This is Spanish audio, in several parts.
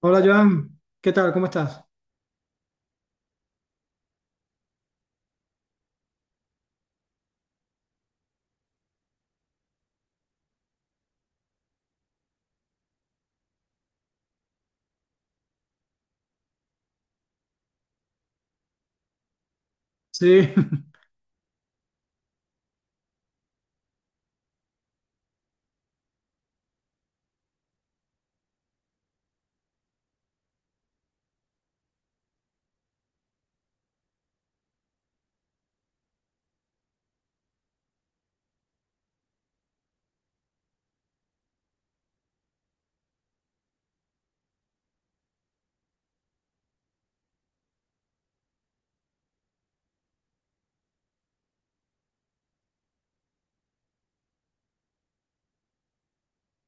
Hola Joan, ¿qué tal? ¿Cómo estás? Sí,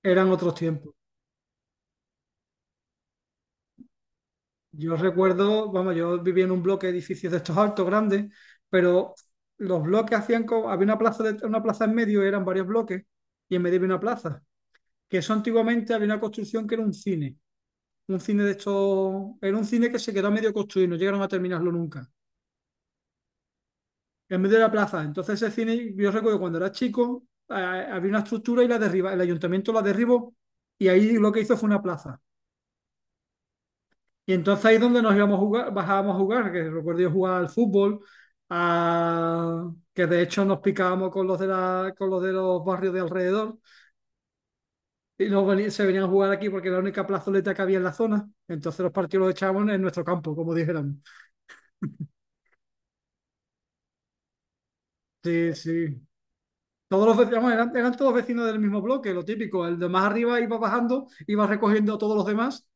eran otros tiempos. Yo recuerdo, vamos, yo vivía en un bloque de edificios de estos altos, grandes, pero los bloques hacían como, había una plaza, una plaza en medio, eran varios bloques, y en medio había una plaza, que eso antiguamente había una construcción que era un cine de estos, era un cine que se quedó a medio construir, no llegaron a terminarlo nunca, en medio de la plaza. Entonces ese cine, yo recuerdo cuando era chico, había una estructura y el ayuntamiento la derribó, y ahí lo que hizo fue una plaza. Y entonces ahí es donde nos íbamos a jugar, bajábamos a jugar, que recuerdo yo jugar al fútbol, que de hecho nos picábamos con los de la, con los de los barrios de alrededor, y se venían a jugar aquí porque era la única plazoleta que había en la zona. Entonces los partidos los echábamos en nuestro campo, como dijeran. Sí, sí. Todos los vecinos eran todos vecinos del mismo bloque, lo típico. El de más arriba iba bajando, iba recogiendo a todos los demás,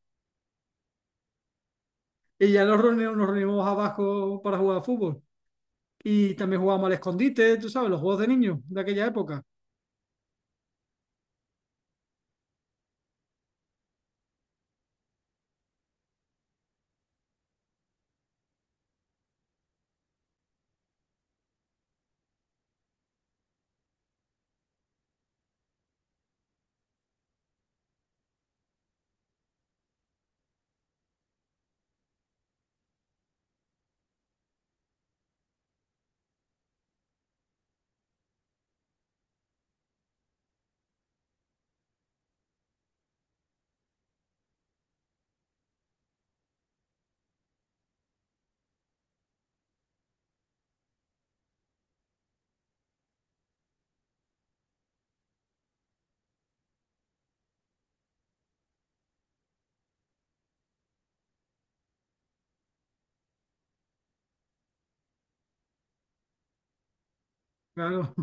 y ya nos reuníamos abajo para jugar al fútbol. Y también jugábamos al escondite, tú sabes, los juegos de niños de aquella época. Claro.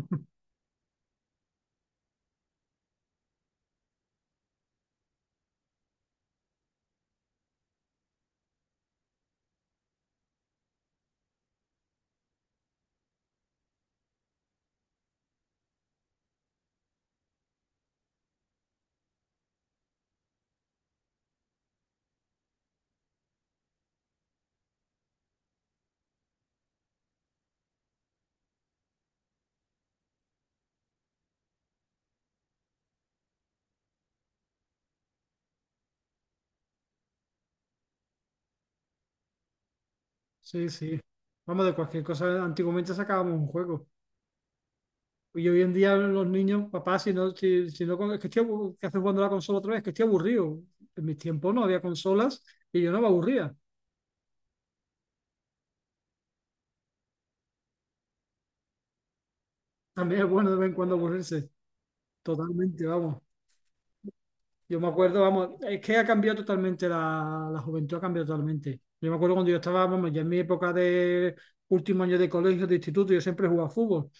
Sí, sí. Vamos, de cualquier cosa, antiguamente sacábamos un juego. Y hoy en día los niños, papá, si no, si, si no, con- es que estoy aburrido, ¿qué haces jugando a la consola otra vez? Que estoy aburrido. En mis tiempos no había consolas y yo no me aburría. También es bueno de vez en cuando aburrirse. Totalmente, vamos. Yo me acuerdo, vamos, es que ha cambiado totalmente la juventud, ha cambiado totalmente. Yo me acuerdo cuando yo estaba, vamos, ya en mi época de último año de colegio, de instituto, yo siempre jugaba fútbol.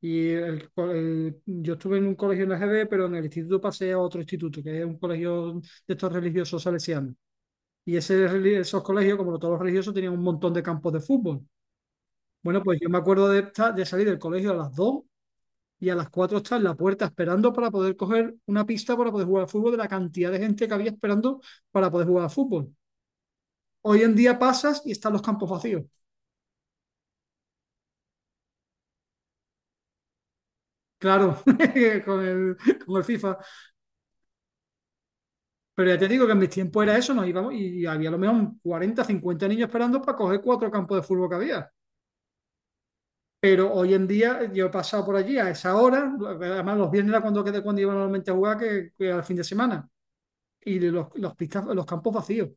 Y yo estuve en un colegio en la GB, pero en el instituto pasé a otro instituto, que es un colegio de estos religiosos salesianos. Y esos colegios, como todos los religiosos, tenían un montón de campos de fútbol. Bueno, pues yo me acuerdo de salir del colegio a las 2 y a las 4 estar en la puerta esperando para poder coger una pista para poder jugar al fútbol, de la cantidad de gente que había esperando para poder jugar al fútbol. Hoy en día pasas y están los campos vacíos. Claro, con el, con el FIFA. Pero ya te digo que en mis tiempos era eso, nos íbamos y había a lo mejor un 40, 50 niños esperando para coger cuatro campos de fútbol que había. Pero hoy en día yo he pasado por allí a esa hora, además los viernes era cuando iba normalmente a jugar, que era fin de semana, y los campos vacíos,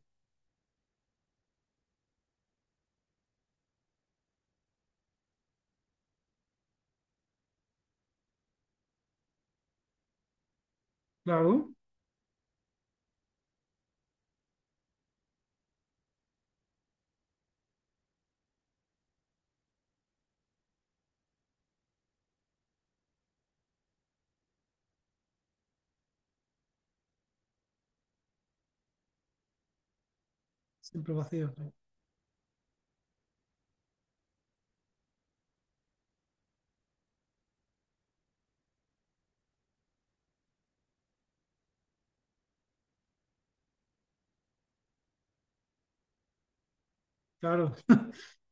claro, siempre vacíos. Claro,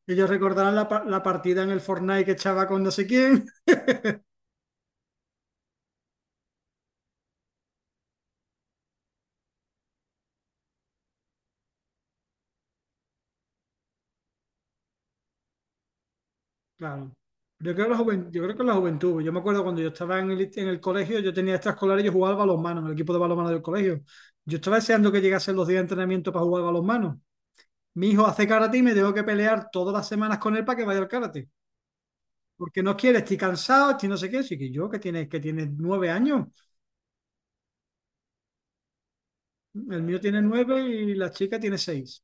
ellos recordarán la partida en el Fortnite que echaba con no sé quién. Claro. Yo creo que la juventud. Yo me acuerdo cuando yo estaba en el colegio, yo tenía extraescolar y yo jugaba al balonmano en el equipo de balonmano del colegio. Yo estaba deseando que llegasen los días de entrenamiento para jugar al balonmano. Mi hijo hace karate y me tengo que pelear todas las semanas con él para que vaya al karate. Porque no quiere, estoy cansado, estoy no sé qué. Así que yo, que tiene 9 años, el mío tiene nueve y la chica tiene seis.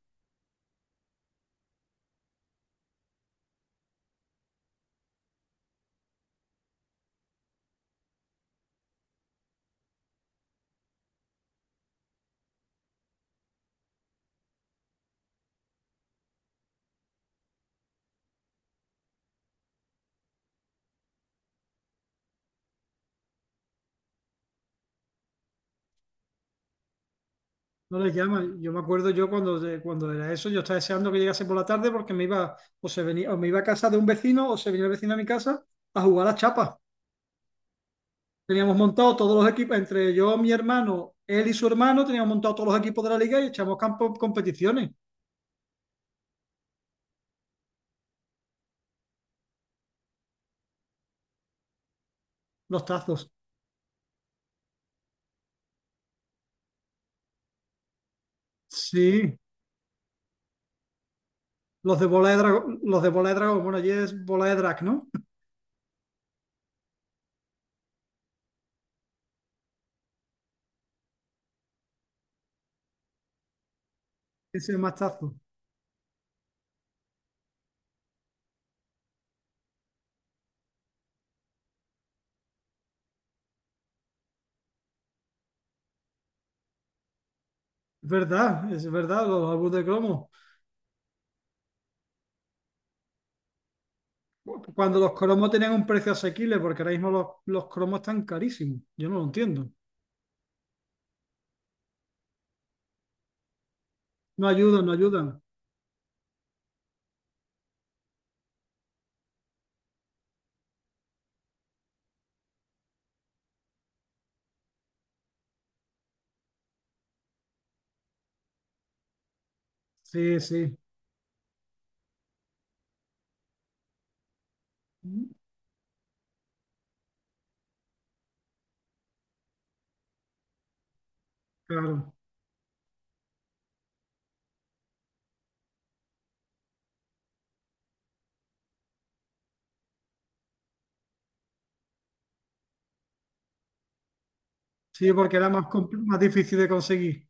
No les llama. Yo me acuerdo yo cuando, cuando era eso, yo estaba deseando que llegase por la tarde porque me iba, o se venía, o me iba a casa de un vecino, o se venía el vecino a mi casa a jugar a chapa. Teníamos montado todos los equipos, entre yo, mi hermano, él y su hermano, teníamos montado todos los equipos de la liga y echamos campo competiciones, los tazos. Sí, los de bola de dragón, los de bola de dragón, bueno, allí es bola de drag, ¿no? Ese es más tazo. Es verdad, los álbumes de cromo. Cuando los cromos tenían un precio asequible, porque ahora mismo los cromos están carísimos. Yo no lo entiendo. No ayudan, no ayudan. Sí, sí. Claro. Sí, porque era más, más difícil de conseguir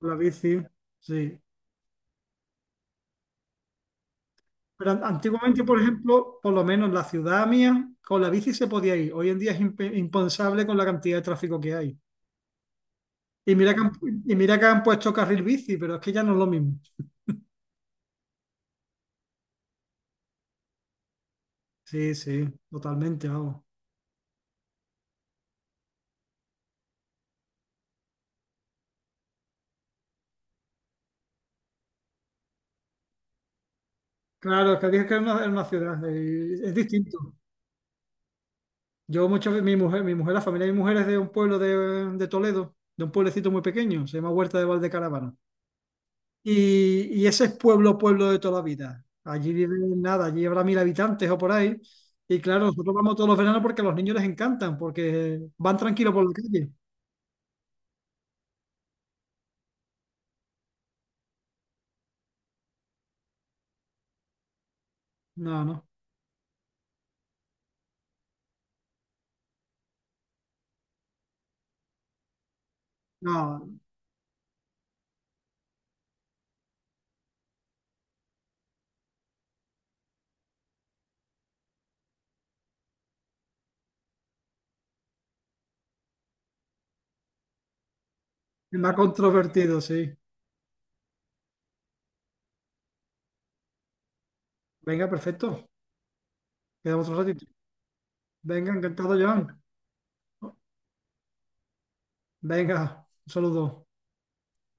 la bici. Sí. Pero antiguamente, por ejemplo, por lo menos en la ciudad mía, con la bici se podía ir. Hoy en día es impensable con la cantidad de tráfico que hay. Y mira que han puesto carril bici, pero es que ya no es lo mismo. Sí, sí, totalmente, vamos. Claro, es que dije que era una ciudad, es distinto. Yo muchas veces, la familia de mi mujer es de un pueblo de Toledo, de un pueblecito muy pequeño, se llama Huerta de Valdecaravana. Y ese es pueblo, pueblo de toda la vida. Allí viven nada, allí habrá 1.000 habitantes o por ahí. Y claro, nosotros vamos todos los veranos porque a los niños les encantan, porque van tranquilos por la calle. No, no, no, es más controvertido, sí. Venga, perfecto. Quedamos otro ratito. Venga, encantado, Joan. Venga, un saludo.